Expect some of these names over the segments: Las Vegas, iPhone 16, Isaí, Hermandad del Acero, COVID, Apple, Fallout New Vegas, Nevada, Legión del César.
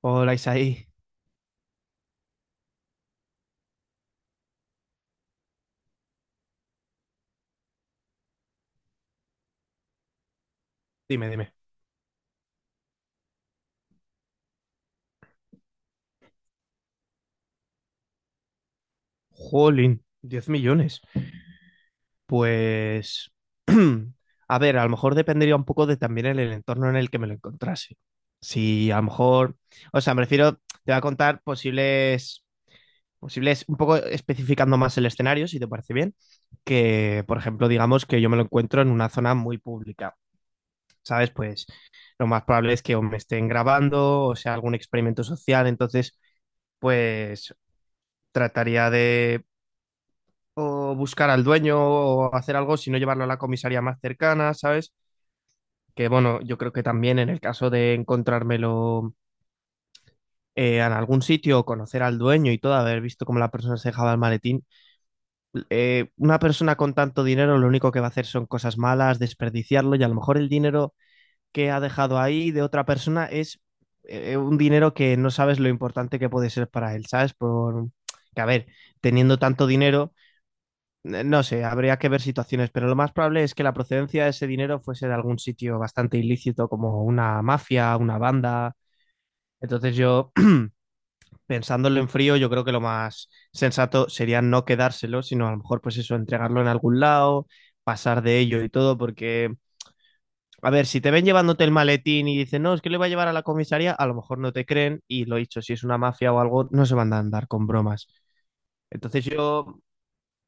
Hola, Isaí. Dime, dime. Jolín, 10 millones. Pues, a ver, a lo mejor dependería un poco de también el entorno en el que me lo encontrase. Si a lo mejor, o sea, me refiero, te voy a contar posibles, un poco especificando más el escenario, si te parece bien, que, por ejemplo, digamos que yo me lo encuentro en una zona muy pública, ¿sabes? Pues lo más probable es que o me estén grabando o sea algún experimento social, entonces, pues trataría de o buscar al dueño o hacer algo, sino llevarlo a la comisaría más cercana, ¿sabes? Que bueno, yo creo que también en el caso de encontrármelo en algún sitio o conocer al dueño y todo, haber visto cómo la persona se dejaba el maletín, una persona con tanto dinero lo único que va a hacer son cosas malas, desperdiciarlo, y a lo mejor el dinero que ha dejado ahí de otra persona es un dinero que no sabes lo importante que puede ser para él, ¿sabes? Por que a ver, teniendo tanto dinero. No sé, habría que ver situaciones, pero lo más probable es que la procedencia de ese dinero fuese de algún sitio bastante ilícito, como una mafia, una banda. Entonces yo, pensándolo en frío, yo creo que lo más sensato sería no quedárselo, sino a lo mejor, pues eso, entregarlo en algún lado, pasar de ello y todo, porque, a ver, si te ven llevándote el maletín y dicen, no, es que le voy a llevar a la comisaría, a lo mejor no te creen, y lo dicho, si es una mafia o algo, no se van a andar con bromas. Entonces yo.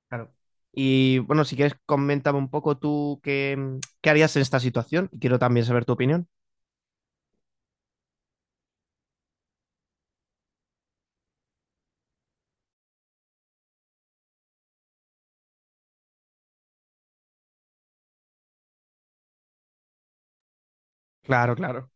Claro. Y bueno, si quieres, coméntame un poco tú qué, qué harías en esta situación. Y quiero también saber tu opinión. Claro, claro.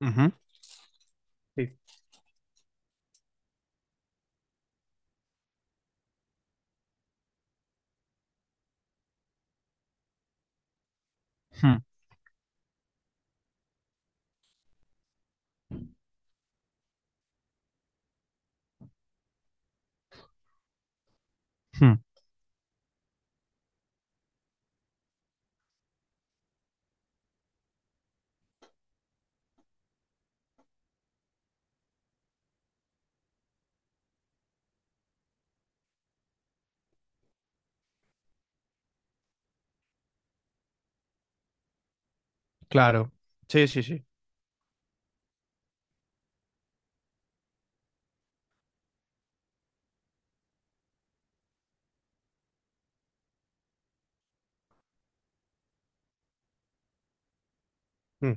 Ujú. Sí. Hmm, hmm. Claro. Sí, sí, sí. Mm.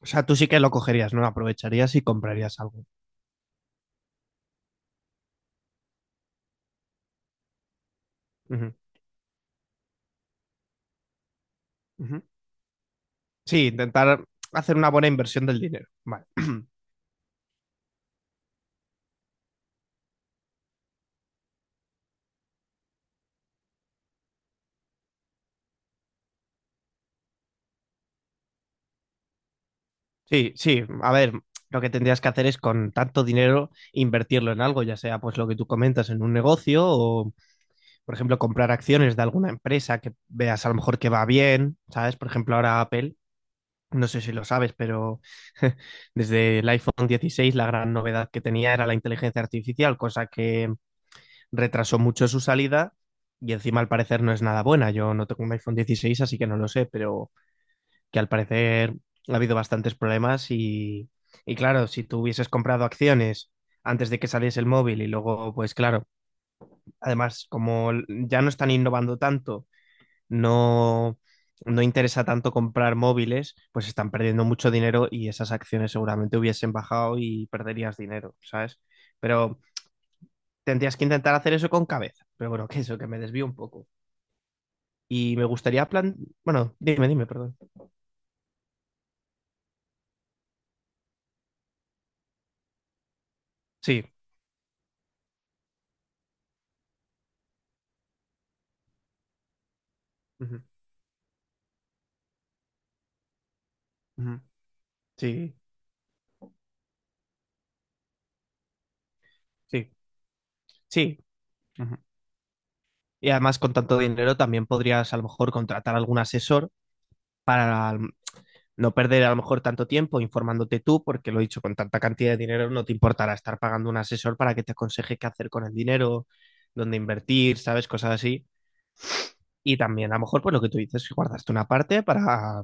O sea, tú sí que lo cogerías, ¿no? Aprovecharías y comprarías algo. Ujú, ujú. Sí, intentar hacer una buena inversión del dinero. Vale. Sí, sí. A ver, lo que tendrías que hacer es, con tanto dinero, invertirlo en algo, ya sea pues lo que tú comentas en un negocio o, por ejemplo, comprar acciones de alguna empresa que veas a lo mejor que va bien, ¿sabes? Por ejemplo, ahora Apple, no sé si lo sabes, pero desde el iPhone 16 la gran novedad que tenía era la inteligencia artificial, cosa que retrasó mucho su salida y encima al parecer no es nada buena. Yo no tengo un iPhone 16, así que no lo sé, pero que al parecer ha habido bastantes problemas. Y claro, si tú hubieses comprado acciones antes de que saliese el móvil y luego, pues claro, además, como ya no están innovando tanto, no, no interesa tanto comprar móviles, pues están perdiendo mucho dinero y esas acciones seguramente hubiesen bajado y perderías dinero, ¿sabes? Pero tendrías que intentar hacer eso con cabeza. Pero bueno, que eso, que me desvío un poco. Y me gustaría plan... Bueno, dime, dime, perdón. Sí. Ujú, ujú. Sí, sí, sí. Ujú. Y además, con tanto dinero, también podrías a lo mejor contratar algún asesor para no perder a lo mejor tanto tiempo informándote tú, porque lo he dicho, con tanta cantidad de dinero no te importará estar pagando un asesor para que te aconseje qué hacer con el dinero, dónde invertir, ¿sabes? Cosas así. Y también a lo mejor, pues lo que tú dices, guardaste una parte para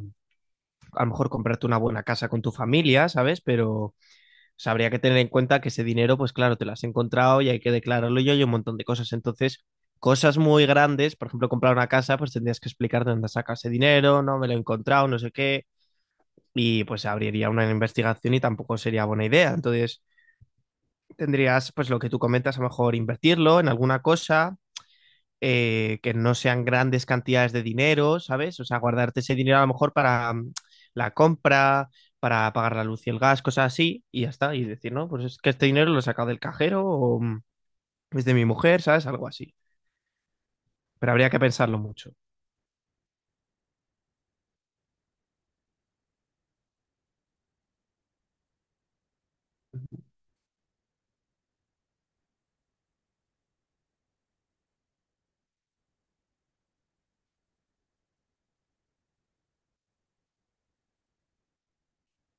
a lo mejor comprarte una buena casa con tu familia, ¿sabes? Pero o habría que tener en cuenta que ese dinero, pues claro, te lo has encontrado y hay que declararlo y hay un montón de cosas. Entonces, cosas muy grandes, por ejemplo, comprar una casa, pues tendrías que explicar de dónde sacas ese dinero, no me lo he encontrado, no sé qué, y pues abriría una investigación y tampoco sería buena idea. Entonces tendrías, pues lo que tú comentas, a lo mejor invertirlo en alguna cosa, que no sean grandes cantidades de dinero, ¿sabes? O sea, guardarte ese dinero a lo mejor para la compra, para pagar la luz y el gas, cosas así, y ya está. Y decir, no, pues es que este dinero lo he sacado del cajero o es de mi mujer, ¿sabes? Algo así. Pero habría que pensarlo mucho.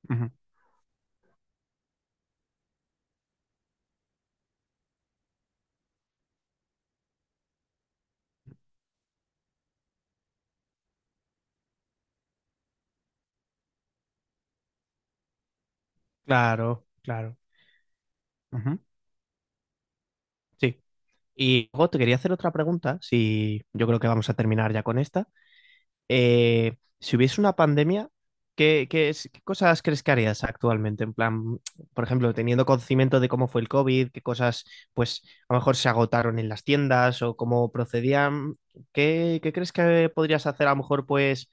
Ujú. Claro, claro. Ujú. Sí. Y luego te quería hacer otra pregunta, si yo creo que vamos a terminar ya con esta. Si hubiese una pandemia, ¿qué, qué cosas crees que harías actualmente? En plan, por ejemplo, teniendo conocimiento de cómo fue el COVID, qué cosas, pues, a lo mejor se agotaron en las tiendas o cómo procedían, ¿qué, qué crees que podrías hacer a lo mejor, pues,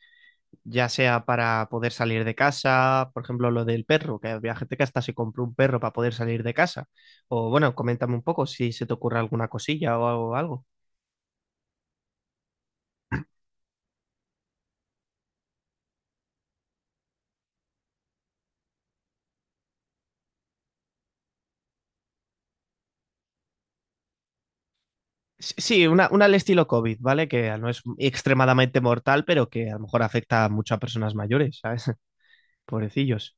ya sea para poder salir de casa, por ejemplo, lo del perro, que había gente que hasta se compró un perro para poder salir de casa? O bueno, coméntame un poco si se te ocurre alguna cosilla o algo. Sí, sí, una al estilo COVID, ¿vale? Que no es extremadamente mortal, pero que a lo mejor afecta mucho a personas mayores, ¿sabes? Pobrecillos.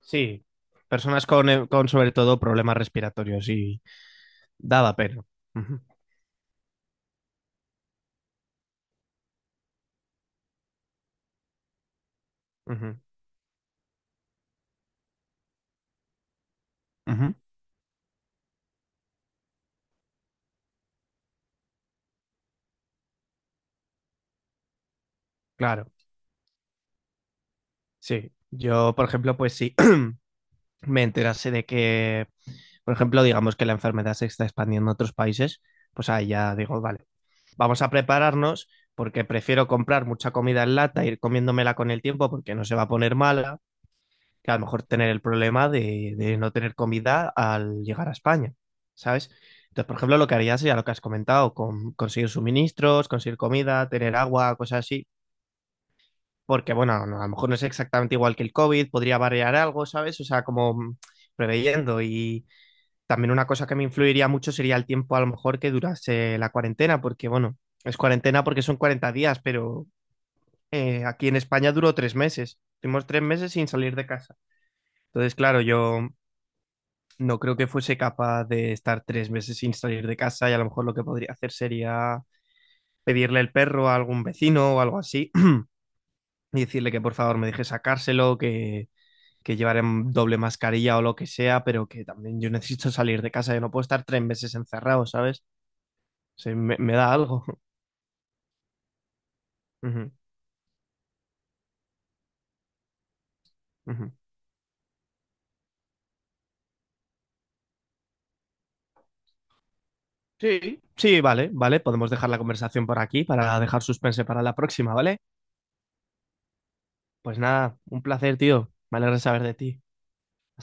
Sí, personas con, con sobre todo problemas respiratorios y daba pena. Ujú, ujú, ujú. Claro, sí. Yo, por ejemplo, pues sí. Me enterase de que, por ejemplo, digamos que la enfermedad se está expandiendo a otros países, pues ahí ya digo, vale, vamos a prepararnos, porque prefiero comprar mucha comida en lata, ir comiéndomela con el tiempo porque no se va a poner mala, que a lo mejor tener el problema de no tener comida al llegar a España, ¿sabes? Entonces, por ejemplo, lo que haría sería lo que has comentado, conseguir suministros, conseguir comida, tener agua, cosas así, porque bueno, no, a lo mejor no es exactamente igual que el COVID, podría variar algo, ¿sabes? O sea, como preveyendo. Y también una cosa que me influiría mucho sería el tiempo a lo mejor que durase la cuarentena, porque bueno, es cuarentena porque son 40 días, pero aquí en España duró 3 meses. Tuvimos 3 meses sin salir de casa. Entonces, claro, yo no creo que fuese capaz de estar 3 meses sin salir de casa, y a lo mejor lo que podría hacer sería pedirle el perro a algún vecino o algo así, y decirle que, por favor, me deje sacárselo, que llevaré doble mascarilla o lo que sea, pero que también yo necesito salir de casa, yo no puedo estar 3 meses encerrado, ¿sabes? Sí, me da algo. Ujú, ujú. Sí, sí, vale, vale, podemos dejar la conversación por aquí para dejar suspense para la próxima, ¿vale? Pues nada, un placer, tío. Me alegra saber de ti.